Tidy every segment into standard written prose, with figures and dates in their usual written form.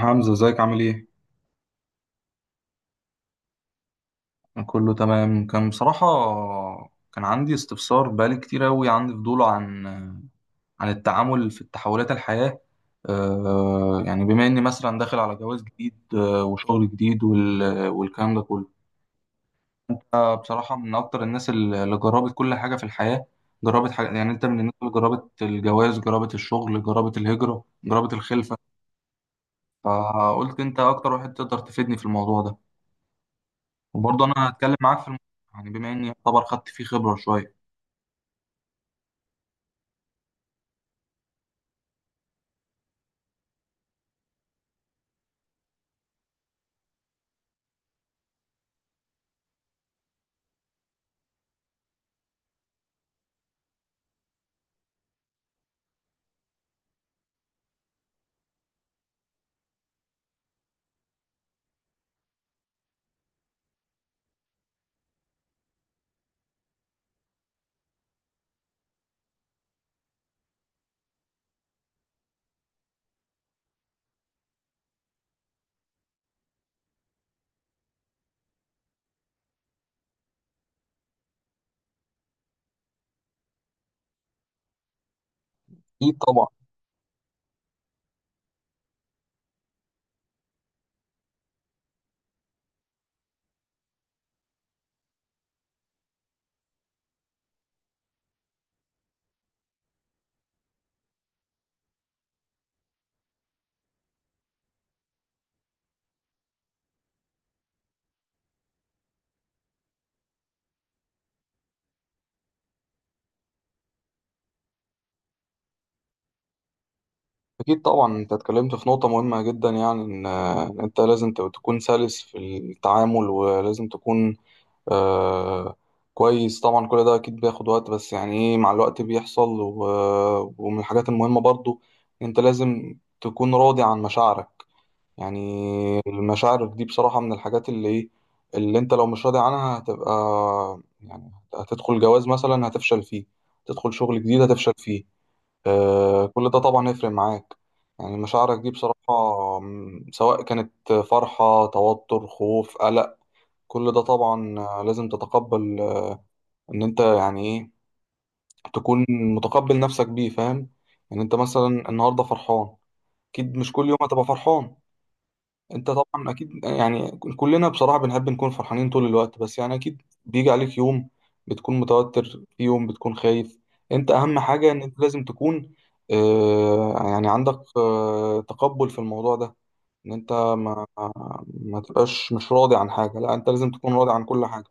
حمزة، ازيك؟ عامل ايه؟ كله تمام. كان بصراحة كان عندي استفسار بقالي كتير أوي. عندي فضول عن التعامل في تحولات الحياة. يعني بما إني مثلا داخل على جواز جديد، وشغل جديد والكلام ده كله. بصراحة، من أكتر الناس اللي جربت كل حاجة في الحياة، جربت حاجة. يعني أنت من الناس اللي جربت الجواز، جربت الشغل، جربت الهجرة، جربت الخلفة. فقلت أنت أكتر واحد تقدر تفيدني في الموضوع ده. وبرضه انا هتكلم معاك في يعني بما اني يعتبر خدت فيه خبره شويه. أكيد طبعا. أكيد طبعا، أنت اتكلمت في نقطة مهمة جدا. يعني إن، إن أنت لازم تكون سلس في التعامل، ولازم تكون آه كويس. طبعا كل ده أكيد بياخد وقت، بس يعني إيه، مع الوقت بيحصل. ومن الحاجات المهمة برضو، أنت لازم تكون راضي عن مشاعرك. يعني المشاعر دي بصراحة من الحاجات اللي ايه، اللي انت لو مش راضي عنها هتبقى، يعني هتدخل جواز مثلا هتفشل فيه، تدخل شغل جديد هتفشل فيه. آه، كل ده طبعا هيفرق معاك. يعني مشاعرك دي بصراحة، سواء كانت فرحة، توتر، خوف، قلق، كل ده طبعا لازم تتقبل. ان انت يعني ايه، تكون متقبل نفسك بيه، فاهم؟ يعني انت مثلا النهاردة فرحان، اكيد مش كل يوم هتبقى فرحان. انت طبعا اكيد، يعني كلنا بصراحة بنحب نكون فرحانين طول الوقت، بس يعني اكيد بيجي عليك يوم بتكون متوتر، في يوم بتكون خايف. انت اهم حاجة ان انت لازم تكون، يعني عندك تقبل في الموضوع ده. ان انت ما تبقاش مش راضي عن حاجة، لا انت لازم تكون راضي عن كل حاجة.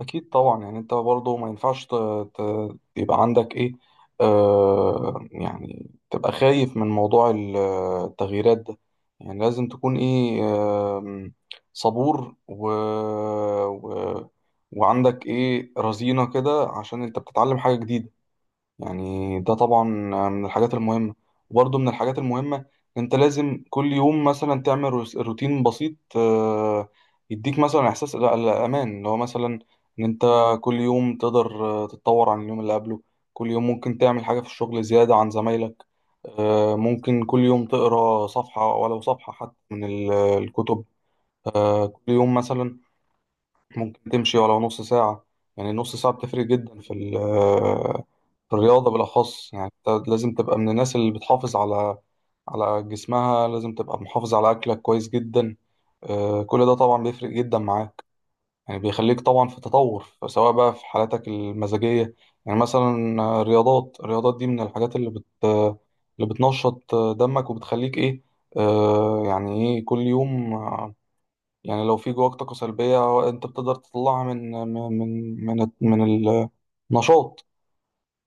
أكيد طبعا. يعني أنت برضه ما ينفعش يبقى عندك إيه، يعني تبقى خايف من موضوع التغييرات ده. يعني لازم تكون إيه، آم، صبور و... وعندك إيه، رزينة كده، عشان أنت بتتعلم حاجة جديدة. يعني ده طبعا من الحاجات المهمة. وبرضه من الحاجات المهمة، انت لازم كل يوم مثلا تعمل روتين بسيط، يديك مثلا احساس الامان، اللي هو مثلا ان انت كل يوم تقدر تتطور عن اليوم اللي قبله. كل يوم ممكن تعمل حاجة في الشغل زيادة عن زمايلك. آه، ممكن كل يوم تقرا صفحة، ولو صفحة حتى، من الكتب. آه، كل يوم مثلا ممكن تمشي ولو نص ساعة. يعني نص ساعة بتفرق جدا في في الرياضة بالأخص. يعني أنت لازم تبقى من الناس اللي بتحافظ على على جسمها، لازم تبقى محافظ على أكلك كويس جدا. آه، كل ده طبعا بيفرق جدا معاك. يعني بيخليك طبعا في تطور، سواء بقى في حالاتك المزاجية. يعني مثلا الرياضات دي من الحاجات اللي بت آه، اللي بتنشط دمك، وبتخليك إيه، يعني إيه، كل يوم. يعني لو في جواك طاقة سلبية، انت بتقدر تطلعها من النشاط.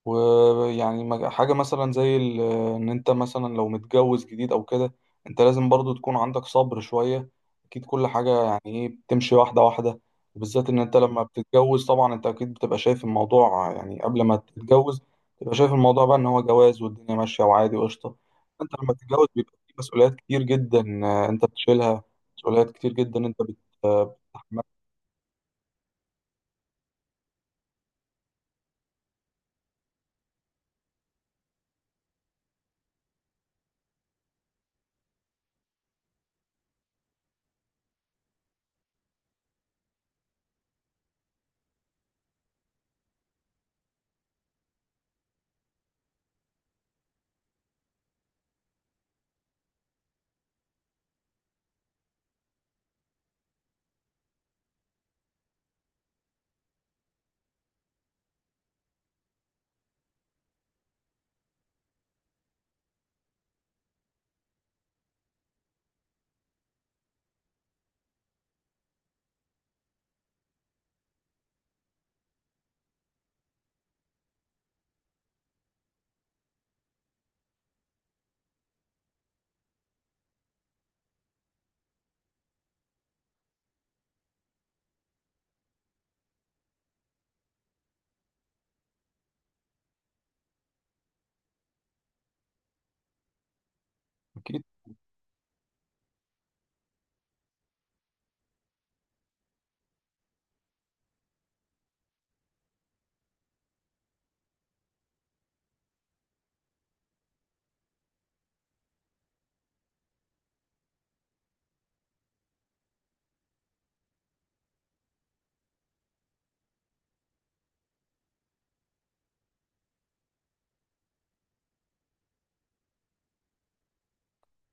ويعني حاجة مثلا زي إن أنت مثلا لو متجوز جديد أو كده، أنت لازم برضو تكون عندك صبر شوية. أكيد كل حاجة يعني إيه بتمشي واحدة واحدة. وبالذات إن أنت لما بتتجوز، طبعا أنت أكيد بتبقى شايف الموضوع، يعني قبل ما تتجوز بتبقى شايف الموضوع بقى إن هو جواز، والدنيا ماشية وعادي وقشطة. أنت لما تتجوز بيبقى في مسؤوليات كتير جدا، آه، أنت بتشيلها، مسؤوليات كتير جدا أنت بتتحملها.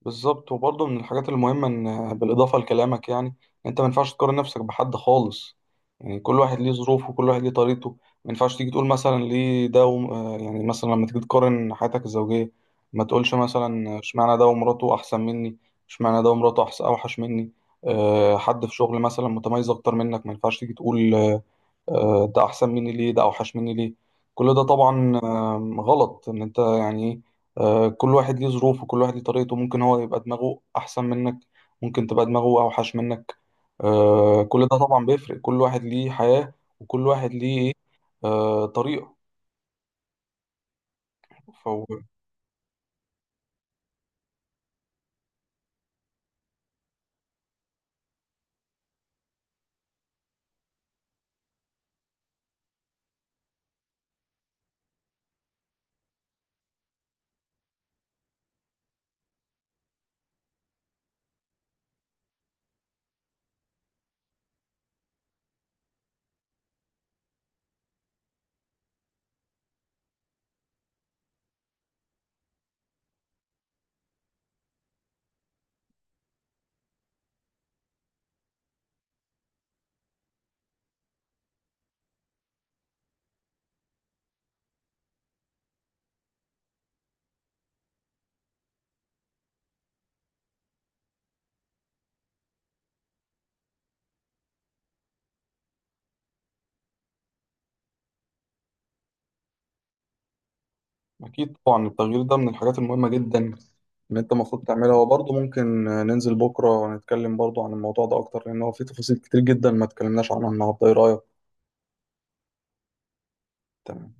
بالظبط. وبرضه من الحاجات المهمة إن بالإضافة لكلامك، يعني أنت ما ينفعش تقارن نفسك بحد خالص. يعني كل واحد ليه ظروفه، وكل واحد ليه طريقته. ما ينفعش تيجي تقول مثلا ليه ده وم... آه، يعني مثلا لما تيجي تقارن حياتك الزوجية، ما تقولش مثلا اشمعنى ده ومراته أحسن مني، اشمعنى ده ومراته أحسن أوحش مني. أه، حد في شغل مثلا متميز أكتر منك، ما ينفعش تيجي تقول، ده احسن مني ليه، ده اوحش مني ليه. كل ده طبعا غلط. ان انت يعني إيه، كل واحد ليه ظروفه، كل واحد ليه طريقته. ممكن هو يبقى دماغه احسن منك، ممكن تبقى دماغه اوحش منك. آه، كل ده طبعا بيفرق. كل واحد ليه حياة، وكل واحد ليه إيه، طريقة. فهو اكيد طبعا، التغيير ده من الحاجات المهمة جدا ان انت المفروض تعملها. وبرضه ممكن ننزل بكرة ونتكلم برضه عن الموضوع ده اكتر، لان هو فيه تفاصيل كتير جدا ما اتكلمناش عنها النهارده. ايه رأيك؟ تمام.